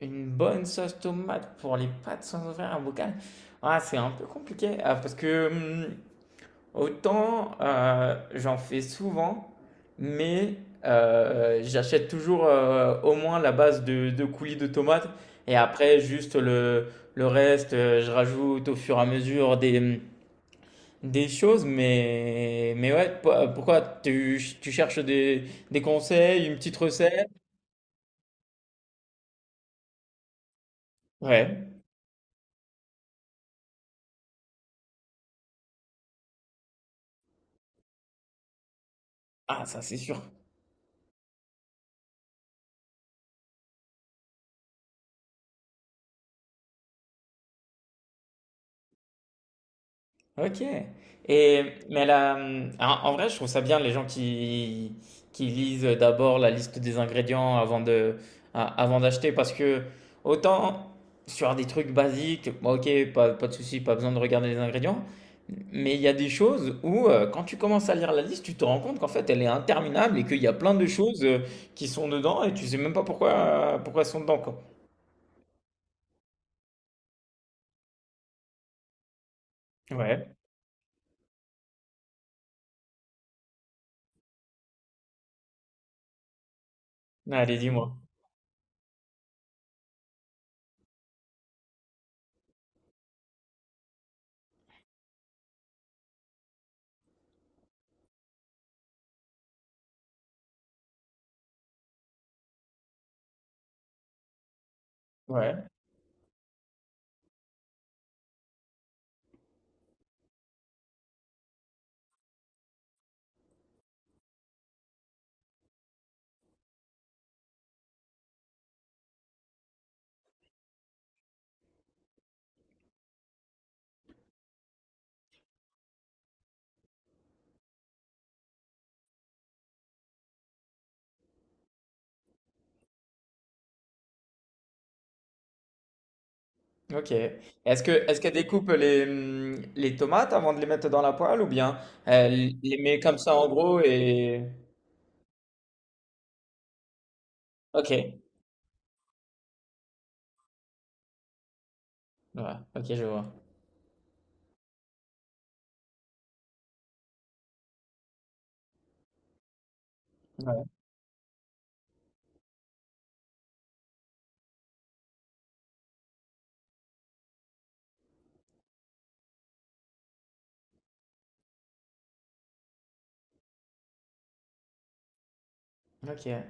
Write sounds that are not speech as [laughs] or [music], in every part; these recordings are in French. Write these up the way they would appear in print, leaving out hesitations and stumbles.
Une bonne sauce tomate pour les pâtes sans ouvrir un bocal? Ah, c'est un peu compliqué ah, parce que autant j'en fais souvent, mais j'achète toujours au moins la base de coulis de tomates et après juste le reste, je rajoute au fur et à mesure des choses. Mais ouais, pourquoi tu cherches des conseils, une petite recette? Ouais. Ah, ça c'est sûr. Ok. Et, mais là, en vrai, je trouve ça bien les gens qui lisent d'abord la liste des ingrédients avant de, avant d'acheter parce que autant sur des trucs basiques, bon, ok, pas, pas de souci, pas besoin de regarder les ingrédients, mais il y a des choses où quand tu commences à lire la liste, tu te rends compte qu'en fait elle est interminable et qu'il y a plein de choses qui sont dedans et tu sais même pas pourquoi, pourquoi elles sont dedans, quoi. Ouais. Allez, dis-moi. Ouais. Ok. Est-ce que est-ce qu'elle découpe les tomates avant de les mettre dans la poêle ou bien elle les met comme ça en gros et... Ok. Ouais, ok, je vois. Ouais. Ok. Ouais.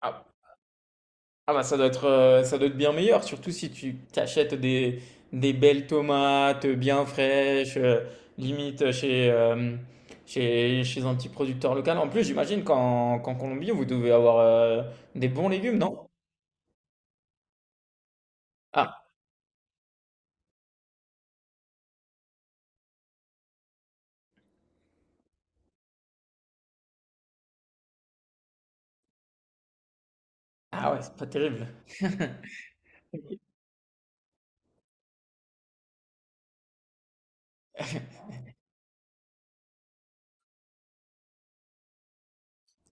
Ah, ah bah ça doit être bien meilleur, surtout si tu t'achètes des belles tomates bien fraîches, limite chez, chez, chez un petit producteur local. En plus, j'imagine qu'en Colombie, vous devez avoir des bons légumes, non? Ah, ah ouais, c'est pas terrible.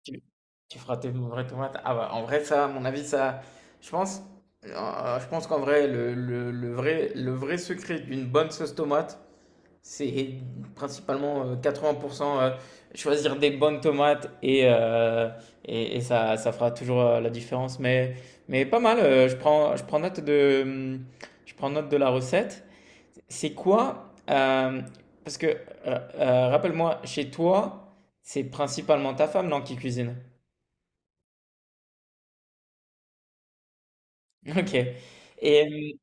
Tu feras tes vraies tomates? Ah bah, en vrai, ça, à mon avis, ça, je pense, je pense qu'en vrai, le, le vrai secret d'une bonne sauce tomate, c'est principalement 80% choisir des bonnes tomates et ça fera toujours la différence. Mais pas mal, je prends note de, je prends note de la recette. C'est quoi, parce que, rappelle-moi, chez toi, c'est principalement ta femme, non, qui cuisine? [laughs] Ok. Et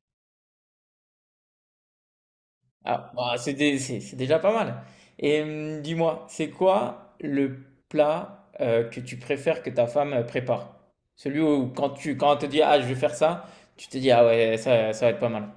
ah, bah, c'est c'est déjà pas mal. Et dis-moi, c'est quoi le plat que tu préfères que ta femme prépare? Celui où quand tu quand elle te dit ah je vais faire ça, tu te dis ah ouais ça, ça va être pas mal.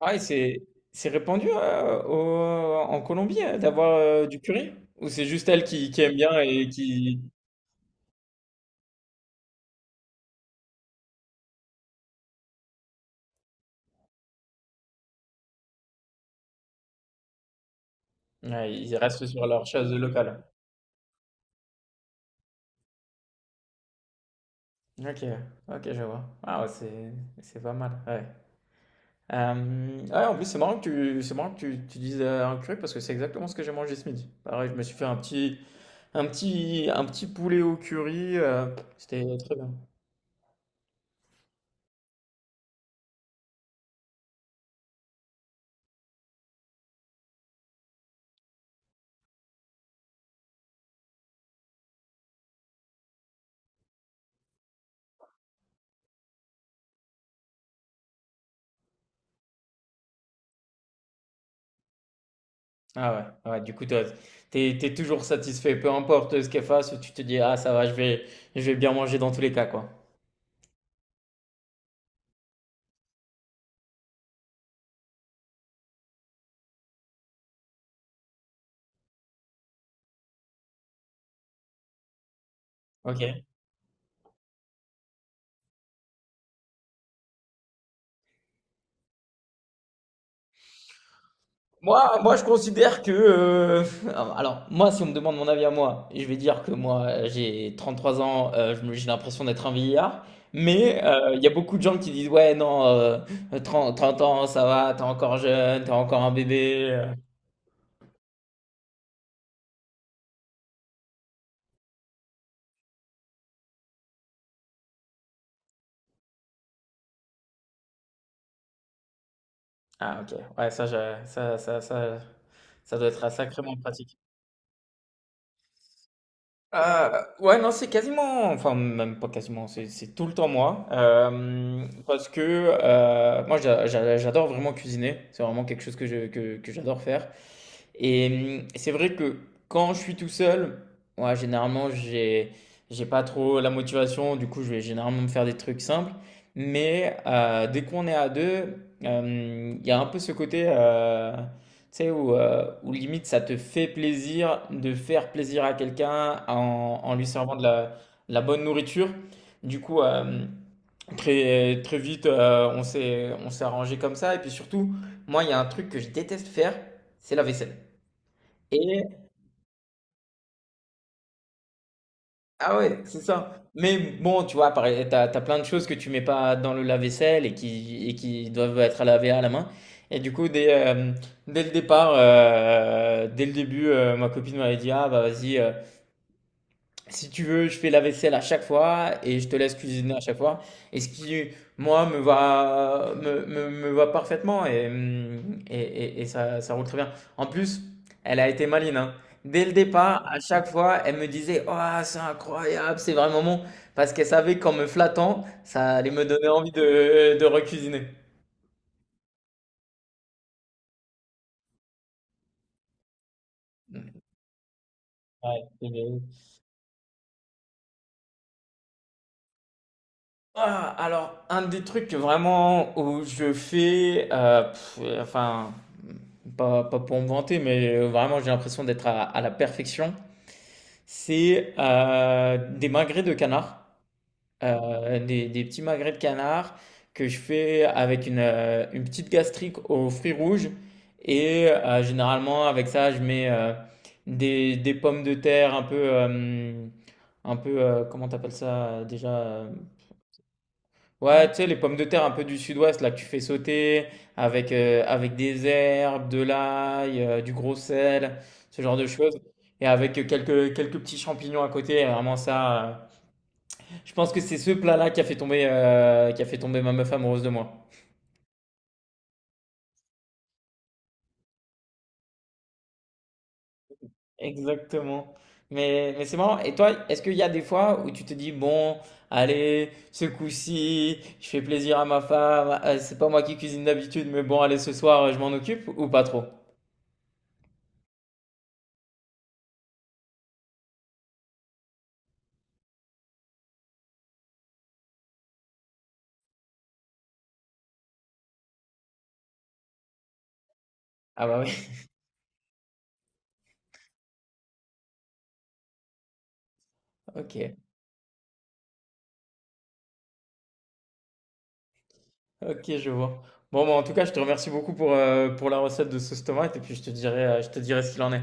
Ah et c'est répandu au- en Colombie d'avoir du curry? Ou c'est juste elle qui aime bien et qui ouais, ils restent sur leur chose locale? Ok, ok je vois. Ah ouais, c'est pas mal. Ouais. Ouais, en plus, c'est marrant que tu, c'est marrant que tu dises un curry parce que c'est exactement ce que j'ai mangé ce midi. Pareil, je me suis fait un petit, un petit, un petit poulet au curry. C'était très bien. Ah ouais, ouais, du coup, toi, t'es, t'es toujours satisfait, peu importe ce qu'elle fasse, tu te dis, ah, ça va, je vais bien manger dans tous les cas, quoi. Ok. Moi, moi, je considère que. [laughs] Alors, moi, si on me demande mon avis à moi, je vais dire que moi, j'ai 33 ans, je j'ai l'impression d'être un vieillard. Mais il y a beaucoup de gens qui disent, ouais, non, 30, 30 ans, ça va, t'es encore jeune, t'es encore un bébé. Ah, ok. Ouais, ça, je- ça doit être sacrément pratique. Euh, ouais, non, c'est quasiment, enfin, même pas quasiment, c'est tout le temps moi. Parce que moi, j'adore vraiment cuisiner. C'est vraiment quelque chose que que j'adore faire. Et c'est vrai que quand je suis tout seul, ouais, généralement, j'ai pas trop la motivation. Du coup, je vais généralement me faire des trucs simples. Mais dès qu'on est à deux, il y a un peu ce côté. Tu sais, où, où limite ça te fait plaisir de faire plaisir à quelqu'un en, en lui servant de la bonne nourriture. Du coup, très, très vite, on s'est arrangé comme ça. Et puis surtout, moi, il y a un truc que je déteste faire, c'est la vaisselle. Et, ah ouais, c'est ça. Mais bon, tu vois, pareil, t'as, t'as plein de choses que tu mets pas dans le lave-vaisselle et qui doivent être à laver à la main. Et du coup, dès, dès le départ, dès le début, ma copine m'avait dit, ah bah vas-y. Si tu veux, je fais la vaisselle à chaque fois et je te laisse cuisiner à chaque fois. Et ce qui, moi, me va, me va parfaitement et, et ça roule très bien. En plus, elle a été maline, hein. Dès le départ, à chaque fois, elle me disait, oh, c'est incroyable, c'est vraiment bon. Parce qu'elle savait qu'en me flattant, ça allait me donner envie de recuisiner. Ouais, c'est bien. Ah, alors, un des trucs vraiment où je fais, pff, enfin, pas, pas pour me vanter, mais vraiment j'ai l'impression d'être à la perfection, c'est des magrets de canard. Des petits magrets de canard que je fais avec une petite gastrique aux fruits rouges. Et généralement, avec ça, je mets des pommes de terre un peu comment t'appelles ça déjà? Ouais, tu sais, les pommes de terre un peu du sud-ouest, là, que tu fais sauter avec, avec des herbes, de l'ail, du gros sel, ce genre de choses. Et avec quelques, quelques petits champignons à côté, vraiment ça. Je pense que c'est ce plat-là qui a fait tomber, qui a fait tomber ma meuf amoureuse de moi. Exactement. Mais c'est marrant. Et toi, est-ce qu'il y a des fois où tu te dis, bon, allez, ce coup-ci, je fais plaisir à ma femme, c'est pas moi qui cuisine d'habitude, mais bon, allez, ce soir, je m'en occupe, ou pas trop? Ah bah oui, [laughs] ok. Ok, je vois. Bon, bah, en tout cas, je te remercie beaucoup pour la recette de sauce tomate et puis je te dirai ce qu'il en est.